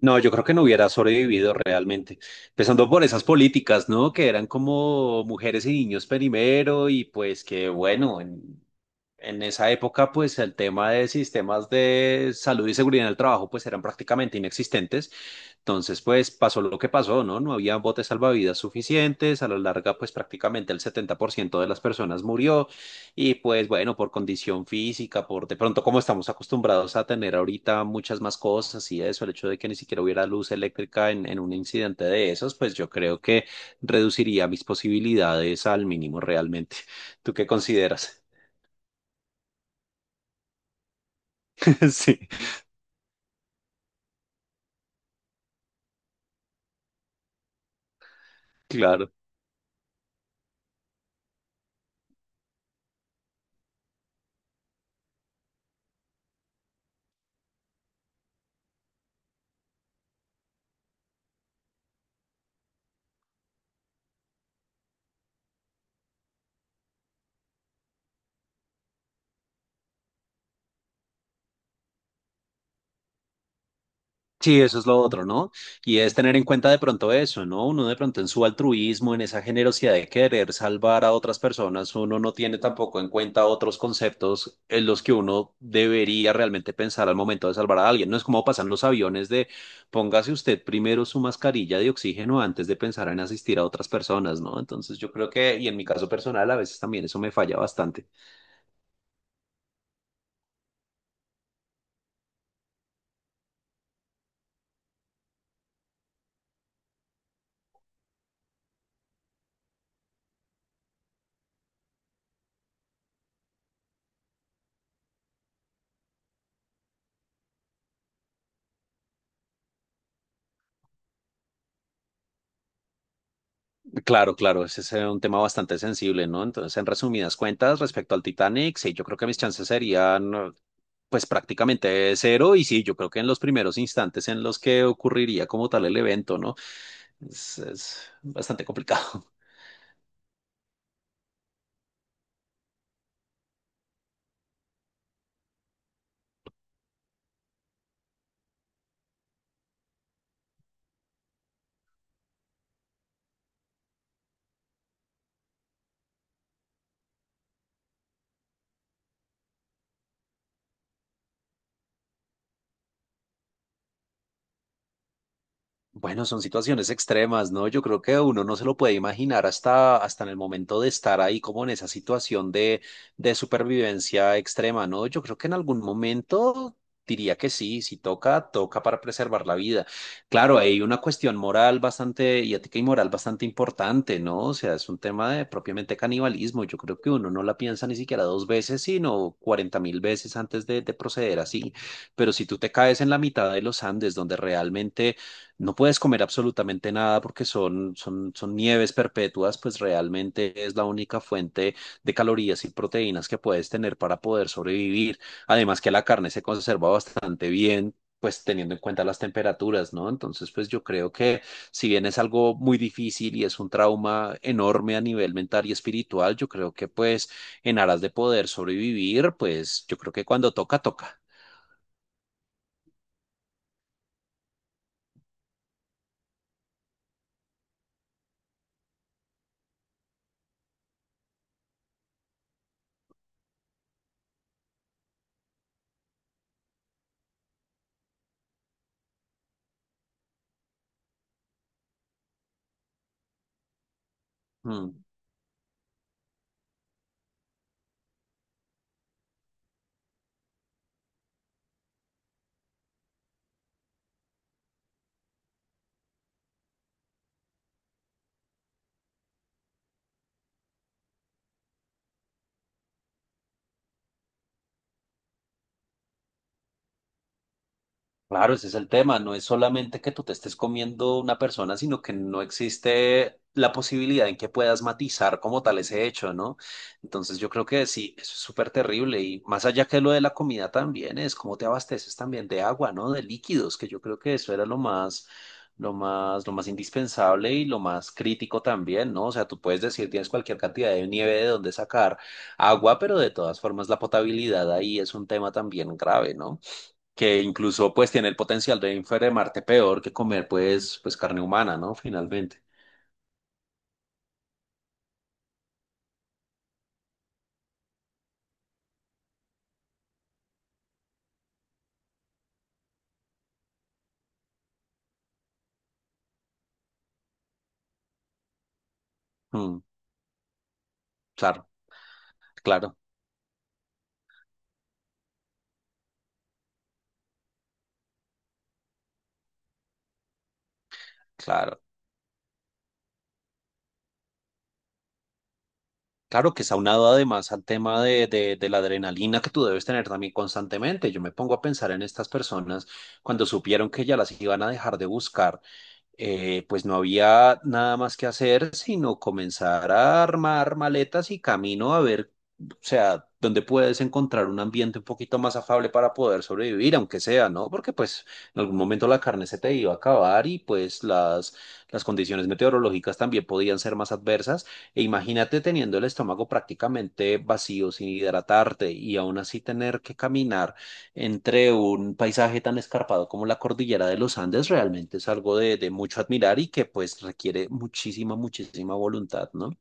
No, yo creo que no hubiera sobrevivido realmente. Empezando por esas políticas, ¿no? Que eran como mujeres y niños primero y pues que bueno, en esa época pues el tema de sistemas de salud y seguridad en el trabajo pues eran prácticamente inexistentes entonces, pues pasó lo que pasó, ¿no? No había botes salvavidas suficientes, a la larga, pues prácticamente el 70% de las personas murió y pues bueno, por condición física, por de pronto como estamos acostumbrados a tener ahorita muchas más cosas y eso, el hecho de que ni siquiera hubiera luz eléctrica en un incidente de esos, pues yo creo que reduciría mis posibilidades al mínimo realmente. ¿Tú qué consideras? Sí, claro. Sí, eso es lo otro, ¿no? Y es tener en cuenta de pronto eso, ¿no? Uno de pronto en su altruismo, en esa generosidad de querer salvar a otras personas, uno no tiene tampoco en cuenta otros conceptos en los que uno debería realmente pensar al momento de salvar a alguien. No es como pasan los aviones de póngase usted primero su mascarilla de oxígeno antes de pensar en asistir a otras personas, ¿no? Entonces yo creo que, y en mi caso personal, a veces también eso me falla bastante. Claro, claro, ese es un tema bastante sensible, ¿no? Entonces, en resumidas cuentas, respecto al Titanic, sí, yo creo que mis chances serían, pues prácticamente cero, y sí, yo creo que en los primeros instantes en los que ocurriría como tal el evento, ¿no? Es bastante complicado. Bueno, son situaciones extremas, ¿no? Yo creo que uno no se lo puede imaginar hasta en el momento de estar ahí como en esa situación de supervivencia extrema, ¿no? Yo creo que en algún momento diría que sí, si toca, toca para preservar la vida. Claro, hay una cuestión moral bastante y ética y moral bastante importante, ¿no? O sea, es un tema de propiamente canibalismo. Yo creo que uno no la piensa ni siquiera dos veces, sino cuarenta mil veces antes de proceder así. Pero si tú te caes en la mitad de los Andes, donde realmente no puedes comer absolutamente nada porque son, son, son nieves perpetuas, pues realmente es la única fuente de calorías y proteínas que puedes tener para poder sobrevivir. Además que la carne se conserva bastante bien, pues teniendo en cuenta las temperaturas, ¿no? Entonces, pues yo creo que si bien es algo muy difícil y es un trauma enorme a nivel mental y espiritual, yo creo que pues en aras de poder sobrevivir, pues yo creo que cuando toca, toca. Mm. Claro, ese es el tema. No es solamente que tú te estés comiendo una persona, sino que no existe la posibilidad en que puedas matizar como tal ese hecho, ¿no? Entonces yo creo que sí, eso es súper terrible. Y más allá que lo de la comida también es cómo te abasteces también de agua, ¿no? De líquidos, que yo creo que eso era lo más, lo más, lo más indispensable y lo más crítico también, ¿no? O sea, tú puedes decir, tienes cualquier cantidad de nieve de donde sacar agua, pero de todas formas la potabilidad ahí es un tema también grave, ¿no? Que incluso pues tiene el potencial de enfermarte peor que comer pues, pues carne humana, ¿no? Finalmente. Mm, claro, claro, claro. Claro que es aunado además al tema de la adrenalina que tú debes tener también constantemente. Yo me pongo a pensar en estas personas cuando supieron que ya las iban a dejar de buscar pues no había nada más que hacer sino comenzar a armar maletas y camino a ver, o sea, dónde puedes encontrar un ambiente un poquito más afable para poder sobrevivir, aunque sea, ¿no? Porque pues en algún momento la carne se te iba a acabar y pues las condiciones meteorológicas también podían ser más adversas. E imagínate teniendo el estómago prácticamente vacío, sin hidratarte y aún así tener que caminar entre un paisaje tan escarpado como la cordillera de los Andes realmente es algo de mucho admirar y que pues requiere muchísima, muchísima voluntad, ¿no?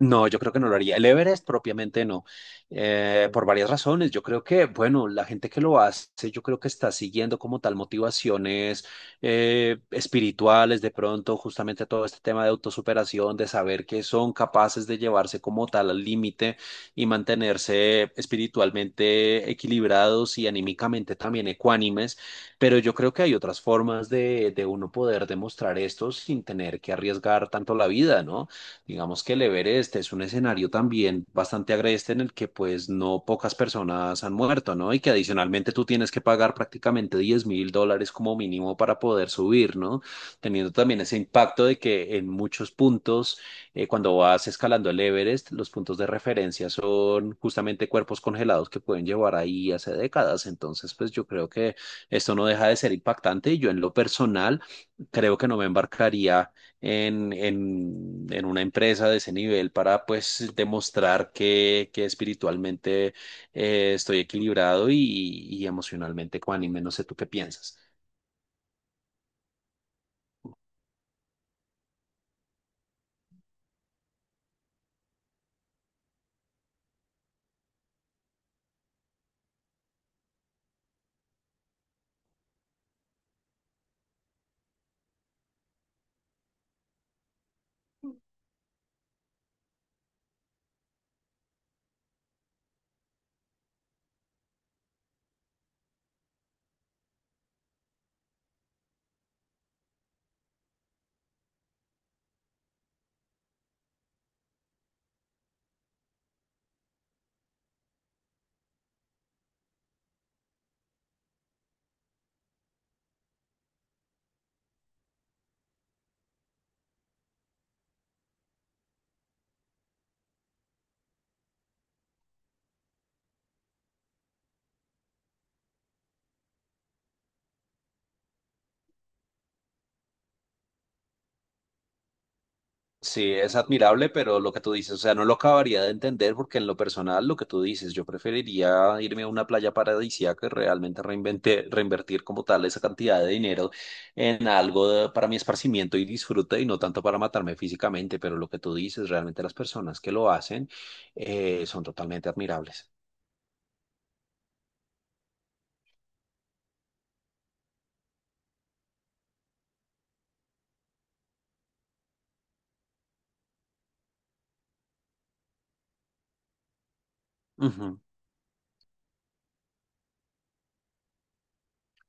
No, yo creo que no lo haría. El Everest propiamente no, por varias razones. Yo creo que, bueno, la gente que lo hace, yo creo que está siguiendo como tal motivaciones espirituales, de pronto, justamente todo este tema de autosuperación, de saber que son capaces de llevarse como tal al límite y mantenerse espiritualmente equilibrados y anímicamente también ecuánimes. Pero yo creo que hay otras formas de, uno poder demostrar esto sin tener que arriesgar tanto la vida, ¿no? Digamos que el Everest es un escenario también bastante agreste en el que pues no pocas personas han muerto, ¿no? Y que adicionalmente tú tienes que pagar prácticamente 10.000 dólares como mínimo para poder subir, ¿no? Teniendo también ese impacto de que en muchos puntos, cuando vas escalando el Everest, los puntos de referencia son justamente cuerpos congelados que pueden llevar ahí hace décadas. Entonces, pues yo creo que esto no deja de ser impactante y yo en lo personal creo que no me embarcaría en, en una empresa de ese nivel para pues demostrar que espiritualmente estoy equilibrado y emocionalmente ecuánime. No sé tú qué piensas. Sí, es admirable, pero lo que tú dices, o sea, no lo acabaría de entender porque en lo personal, lo que tú dices, yo preferiría irme a una playa paradisíaca y realmente reinvertir como tal esa cantidad de dinero en algo para mi esparcimiento y disfrute y no tanto para matarme físicamente, pero lo que tú dices, realmente las personas que lo hacen son totalmente admirables.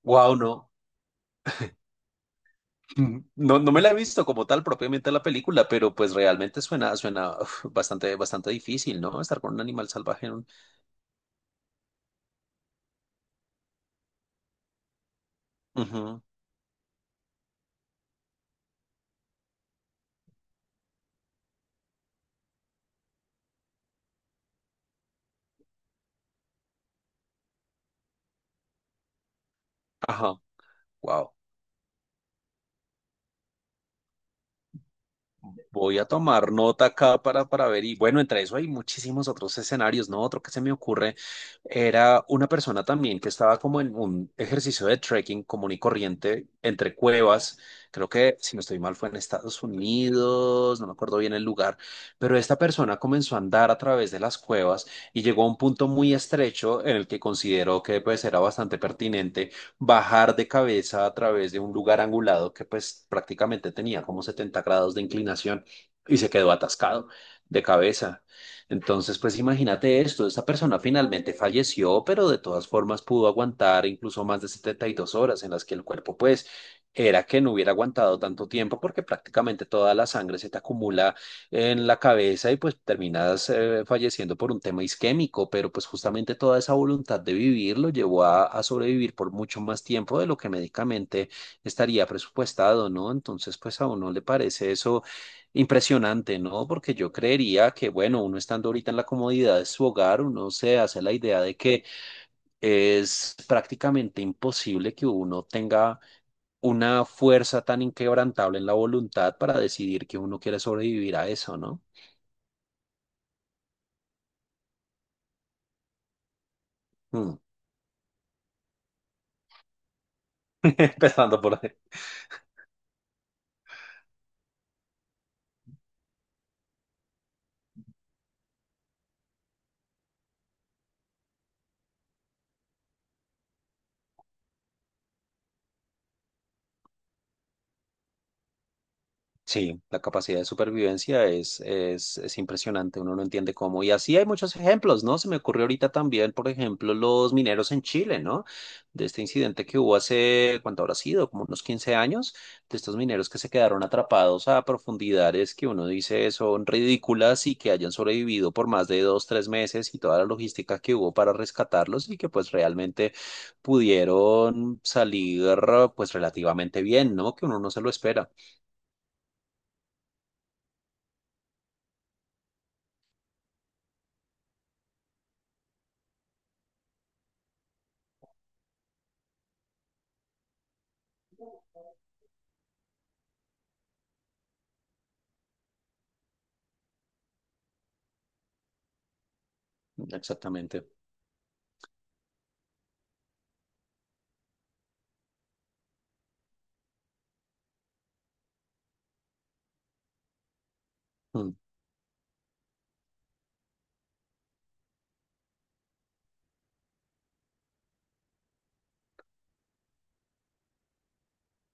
Wow, no, no, no me la he visto como tal propiamente la película, pero pues realmente suena, suena uf, bastante, bastante difícil, ¿no? Estar con un animal salvaje en un... Ujú. Ajá, wow. Voy a tomar nota acá para ver. Y bueno, entre eso hay muchísimos otros escenarios, ¿no? Otro que se me ocurre era una persona también que estaba como en un ejercicio de trekking común y corriente entre cuevas. Creo que, si no estoy mal, fue en Estados Unidos, no me acuerdo bien el lugar, pero esta persona comenzó a andar a través de las cuevas y llegó a un punto muy estrecho en el que consideró que pues era bastante pertinente bajar de cabeza a través de un lugar angulado que pues prácticamente tenía como 70 grados de inclinación y se quedó atascado de cabeza. Entonces, pues imagínate esto, esta persona finalmente falleció, pero de todas formas pudo aguantar incluso más de 72 horas en las que el cuerpo, pues, era que no hubiera aguantado tanto tiempo porque prácticamente toda la sangre se te acumula en la cabeza y pues terminas falleciendo por un tema isquémico, pero pues justamente toda esa voluntad de vivir lo llevó a sobrevivir por mucho más tiempo de lo que médicamente estaría presupuestado, ¿no? Entonces, pues a uno le parece eso impresionante, ¿no? Porque yo creería que, bueno, uno estando ahorita en la comodidad de su hogar, uno se hace la idea de que es prácticamente imposible que uno tenga una fuerza tan inquebrantable en la voluntad para decidir que uno quiere sobrevivir a eso, ¿no? Mm. Empezando por sí, la capacidad de supervivencia es impresionante, uno no entiende cómo. Y así hay muchos ejemplos, ¿no? Se me ocurrió ahorita también, por ejemplo, los mineros en Chile, ¿no? De este incidente que hubo hace, ¿cuánto habrá sido? Como unos 15 años, de estos mineros que se quedaron atrapados a profundidades que uno dice son ridículas y que hayan sobrevivido por más de dos, tres meses y toda la logística que hubo para rescatarlos y que pues realmente pudieron salir pues relativamente bien, ¿no? Que uno no se lo espera. Exactamente. Mm.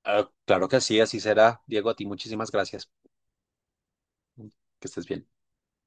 Ah, claro que sí, así será. Diego, a ti muchísimas gracias. Mm. Que estés bien.